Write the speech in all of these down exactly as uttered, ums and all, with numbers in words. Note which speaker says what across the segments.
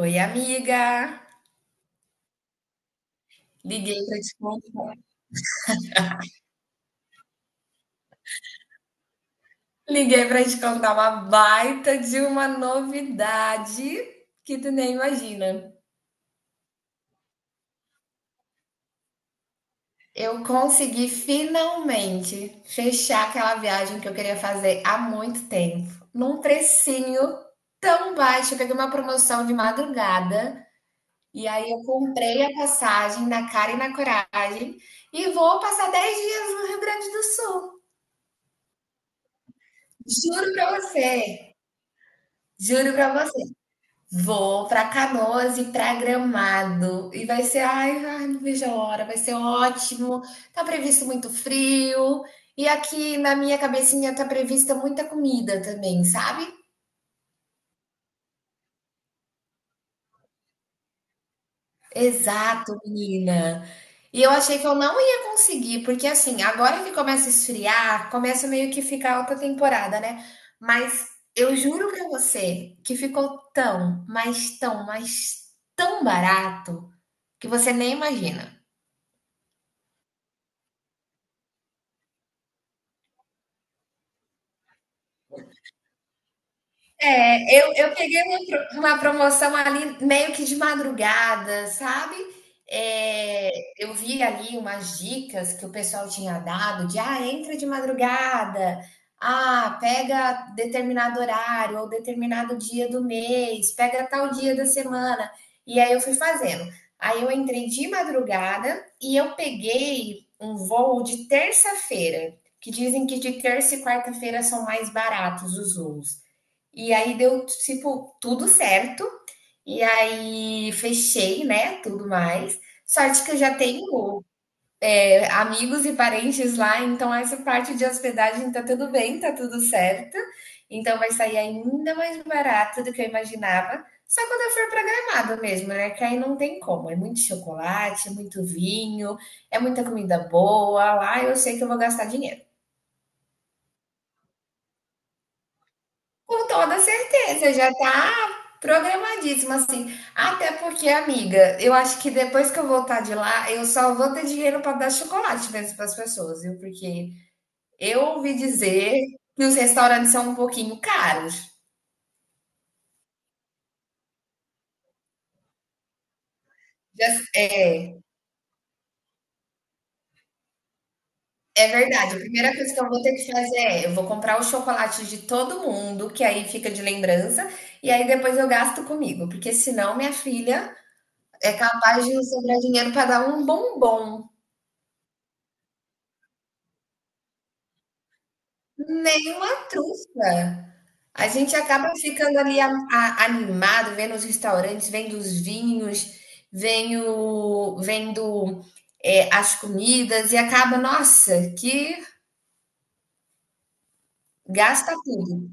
Speaker 1: Oi, amiga! Liguei para te contar, liguei para te contar uma baita de uma novidade que tu nem imagina. Eu consegui finalmente fechar aquela viagem que eu queria fazer há muito tempo, num precinho tão baixo. Eu peguei uma promoção de madrugada e aí eu comprei a passagem na cara e na coragem e vou passar dez dias no Rio Grande do Sul. Juro para você, juro para você. Vou para Canoas e para Gramado. E vai ser, ai, ai, não vejo a hora, vai ser ótimo. Tá previsto muito frio. E aqui na minha cabecinha tá prevista muita comida também, sabe? Exato, menina. E eu achei que eu não ia conseguir, porque assim, agora que começa a esfriar, começa meio que ficar alta temporada, né? Mas eu juro pra você que ficou tão, mas tão, mas tão barato que você nem imagina. É, eu, eu peguei uma, pro- uma promoção ali meio que de madrugada, sabe? É, eu vi ali umas dicas que o pessoal tinha dado de ah, entra de madrugada, ah, pega determinado horário ou determinado dia do mês, pega tal dia da semana. E aí eu fui fazendo. Aí eu entrei de madrugada e eu peguei um voo de terça-feira, que dizem que de terça e quarta-feira são mais baratos os voos. E aí deu, tipo, tudo certo. E aí fechei, né, tudo mais. Sorte que eu já tenho é, amigos e parentes lá, então essa parte de hospedagem tá tudo bem, tá tudo certo. Então vai sair ainda mais barato do que eu imaginava. Só quando eu for para Gramado mesmo, né? Que aí não tem como. É muito chocolate, é muito vinho, é muita comida boa. Lá eu sei que eu vou gastar dinheiro. Com toda certeza, já tá programadíssimo assim. Até porque, amiga, eu acho que depois que eu voltar de lá, eu só vou ter dinheiro para dar chocolate mesmo para as pessoas, viu? Porque eu ouvi dizer que os restaurantes são um pouquinho caros. Já- é, é verdade. A primeira coisa que eu vou ter que fazer é, eu vou comprar o chocolate de todo mundo, que aí fica de lembrança, e aí depois eu gasto comigo, porque senão minha filha é capaz de não sobrar dinheiro para dar um bombom. Nenhuma trufa. A gente acaba ficando ali a- a- animado, vendo os restaurantes, vendo os vinhos, vem o- vendo é, as comidas e acaba, nossa, que gasta tudo.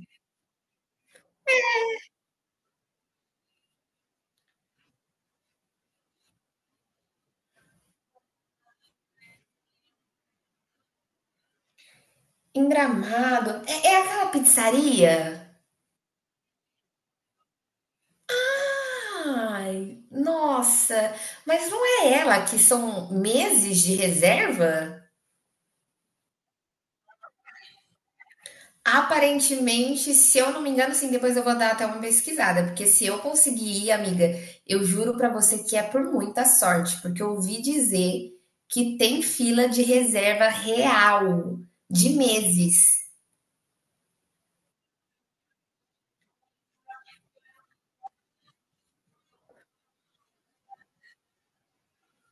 Speaker 1: Em Gramado, é, é aquela pizzaria? Ai, nossa, mas não é ela que são meses de reserva? Aparentemente, se eu não me engano, sim, depois eu vou dar até uma pesquisada, porque se eu conseguir ir, amiga, eu juro pra você que é por muita sorte, porque eu ouvi dizer que tem fila de reserva real, de meses.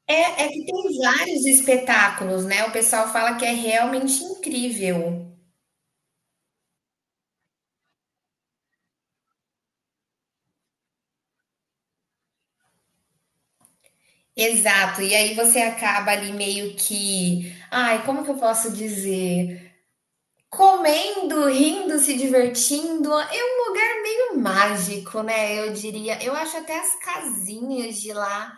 Speaker 1: É, é que tem vários espetáculos, né? O pessoal fala que é realmente incrível. Exato, e aí você acaba ali meio que, ai, como que eu posso dizer? Comendo, rindo, se divertindo, é um lugar meio mágico, né? Eu diria. Eu acho até as casinhas de lá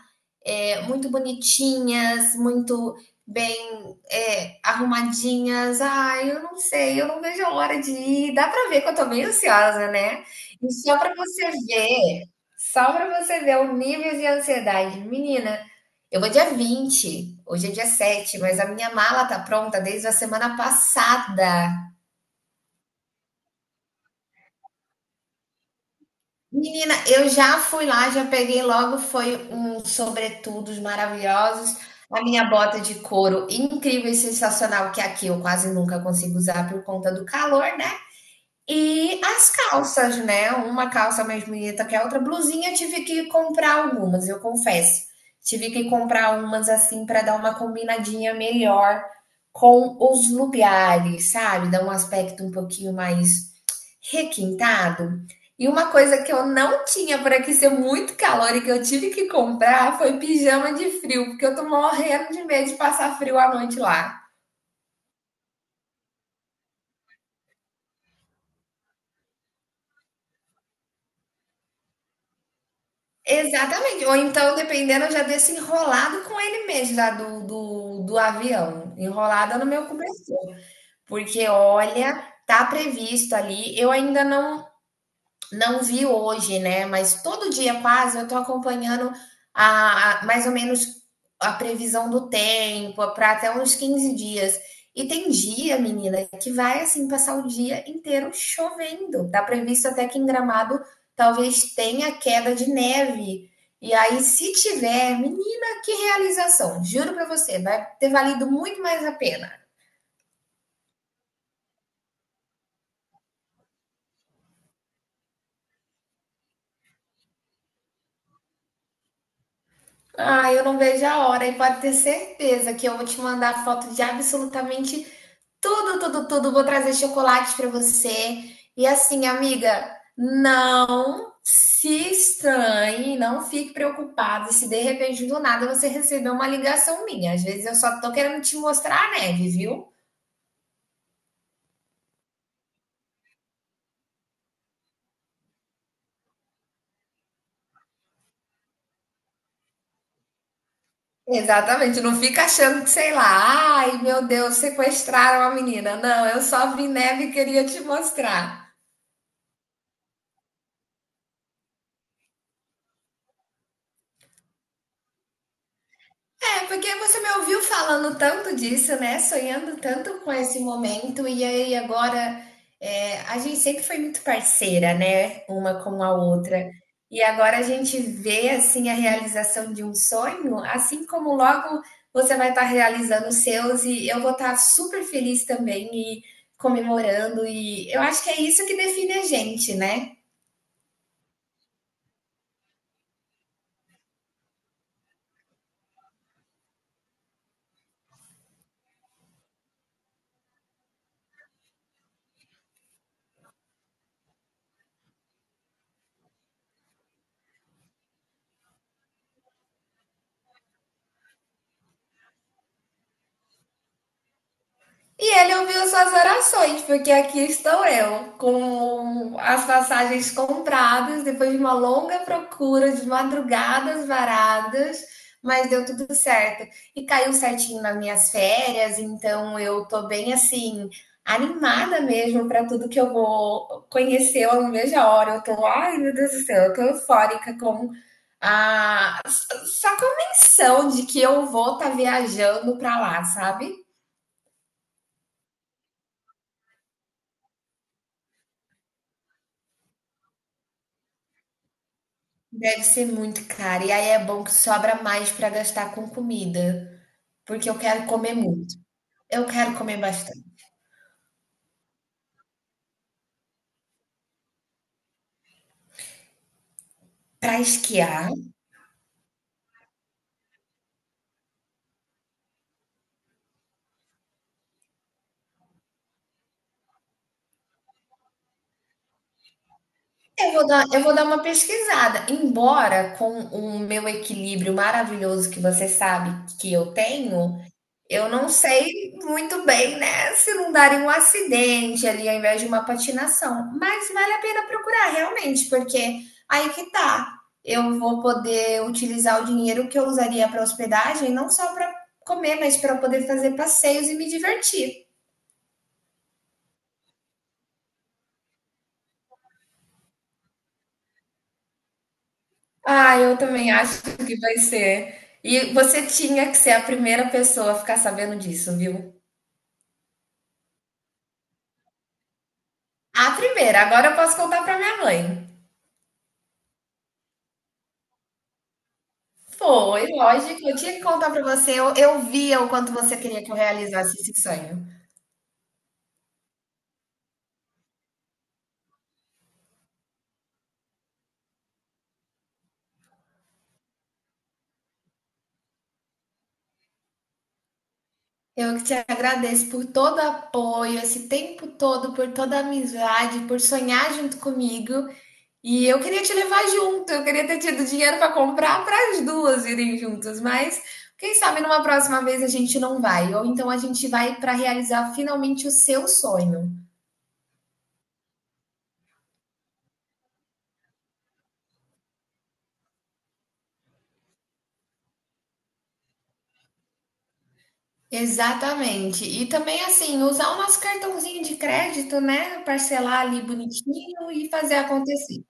Speaker 1: é, muito bonitinhas, muito bem é, arrumadinhas. Ai, eu não sei, eu não vejo a hora de ir. Dá para ver que eu tô meio ansiosa, né? E só para você ver, só para você ver o nível de ansiedade, menina. Eu vou dia vinte. Hoje é dia sete, mas a minha mala tá pronta desde a semana passada. Menina, eu já fui lá, já peguei logo, foi uns sobretudos maravilhosos, a minha bota de couro incrível e sensacional, que aqui eu quase nunca consigo usar por conta do calor, né? E as calças, né? Uma calça mais bonita que a outra, blusinha, eu tive que comprar algumas, eu confesso. Tive que comprar umas assim para dar uma combinadinha melhor com os lugares, sabe? Dar um aspecto um pouquinho mais requintado. E uma coisa que eu não tinha por aqui ser muito calor e que eu tive que comprar foi pijama de frio, porque eu tô morrendo de medo de passar frio à noite lá. Exatamente. Ou então, dependendo, eu já desço enrolado com ele mesmo, já do, do, do avião, enrolada no meu cobertor. Porque, olha, tá previsto ali. Eu ainda não, não vi hoje, né? Mas todo dia quase eu tô acompanhando a, a mais ou menos a previsão do tempo para até uns quinze dias. E tem dia, menina, que vai assim passar o dia inteiro chovendo. Tá previsto até que em Gramado talvez tenha queda de neve. E aí, se tiver, menina, que realização! Juro para você, vai ter valido muito mais a pena. Ah, eu não vejo a hora e pode ter certeza que eu vou te mandar foto de absolutamente tudo, tudo, tudo. Vou trazer chocolates para você. E assim, amiga, não se estranhe, não fique preocupado se de repente do nada você receber uma ligação minha. Às vezes eu só tô querendo te mostrar a neve, viu? Exatamente, não fica achando que, sei lá, ai meu Deus, sequestraram a menina. Não, eu só vi neve e queria te mostrar. É, porque você me ouviu falando tanto disso, né? Sonhando tanto com esse momento, e aí agora é, a gente sempre foi muito parceira, né? Uma com a outra. E agora a gente vê assim a realização de um sonho, assim como logo você vai estar realizando os seus, e eu vou estar super feliz também e comemorando. E eu acho que é isso que define a gente, né? E ele ouviu suas orações, porque aqui estou eu, com as passagens compradas, depois de uma longa procura, de madrugadas varadas, mas deu tudo certo. E caiu certinho nas minhas férias, então eu tô bem assim, animada mesmo para tudo que eu vou conhecer, eu não vejo a hora. Eu tô, ai meu Deus do céu, eu tô eufórica com a só a menção de que eu vou estar tá viajando para lá, sabe? Deve ser muito caro. E aí é bom que sobra mais para gastar com comida, porque eu quero comer muito. Eu quero comer bastante. Para esquiar, eu vou dar, eu vou dar uma pesquisada. Embora com o meu equilíbrio maravilhoso que você sabe que eu tenho, eu não sei muito bem, né, se não darem um acidente ali ao invés de uma patinação, mas vale a pena procurar realmente, porque aí que tá, eu vou poder utilizar o dinheiro que eu usaria para hospedagem, não só para comer, mas para poder fazer passeios e me divertir. Ah, eu também acho que vai ser. E você tinha que ser a primeira pessoa a ficar sabendo disso, viu? A primeira, agora eu posso contar para minha mãe. Foi, lógico. Eu tinha que contar para você. Eu, eu via o quanto você queria que eu realizasse esse sonho. Eu que te agradeço por todo o apoio, esse tempo todo, por toda a amizade, por sonhar junto comigo. E eu queria te levar junto. Eu queria ter tido dinheiro para comprar para as duas irem juntas, mas quem sabe numa próxima vez a gente não vai, ou então a gente vai para realizar finalmente o seu sonho. Exatamente. E também, assim, usar o nosso cartãozinho de crédito, né? Parcelar ali bonitinho e fazer acontecer.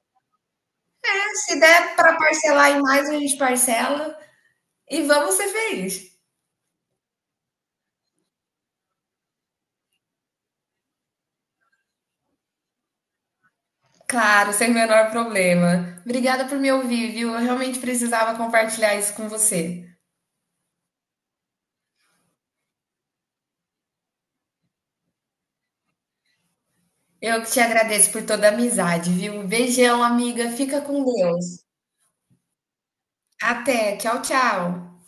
Speaker 1: Se der para parcelar em mais, a gente parcela e vamos ser felizes. Claro, sem o menor problema. Obrigada por me ouvir, viu? Eu realmente precisava compartilhar isso com você. Eu que te agradeço por toda a amizade, viu? Beijão, amiga. Fica com Deus. Até. Tchau, tchau.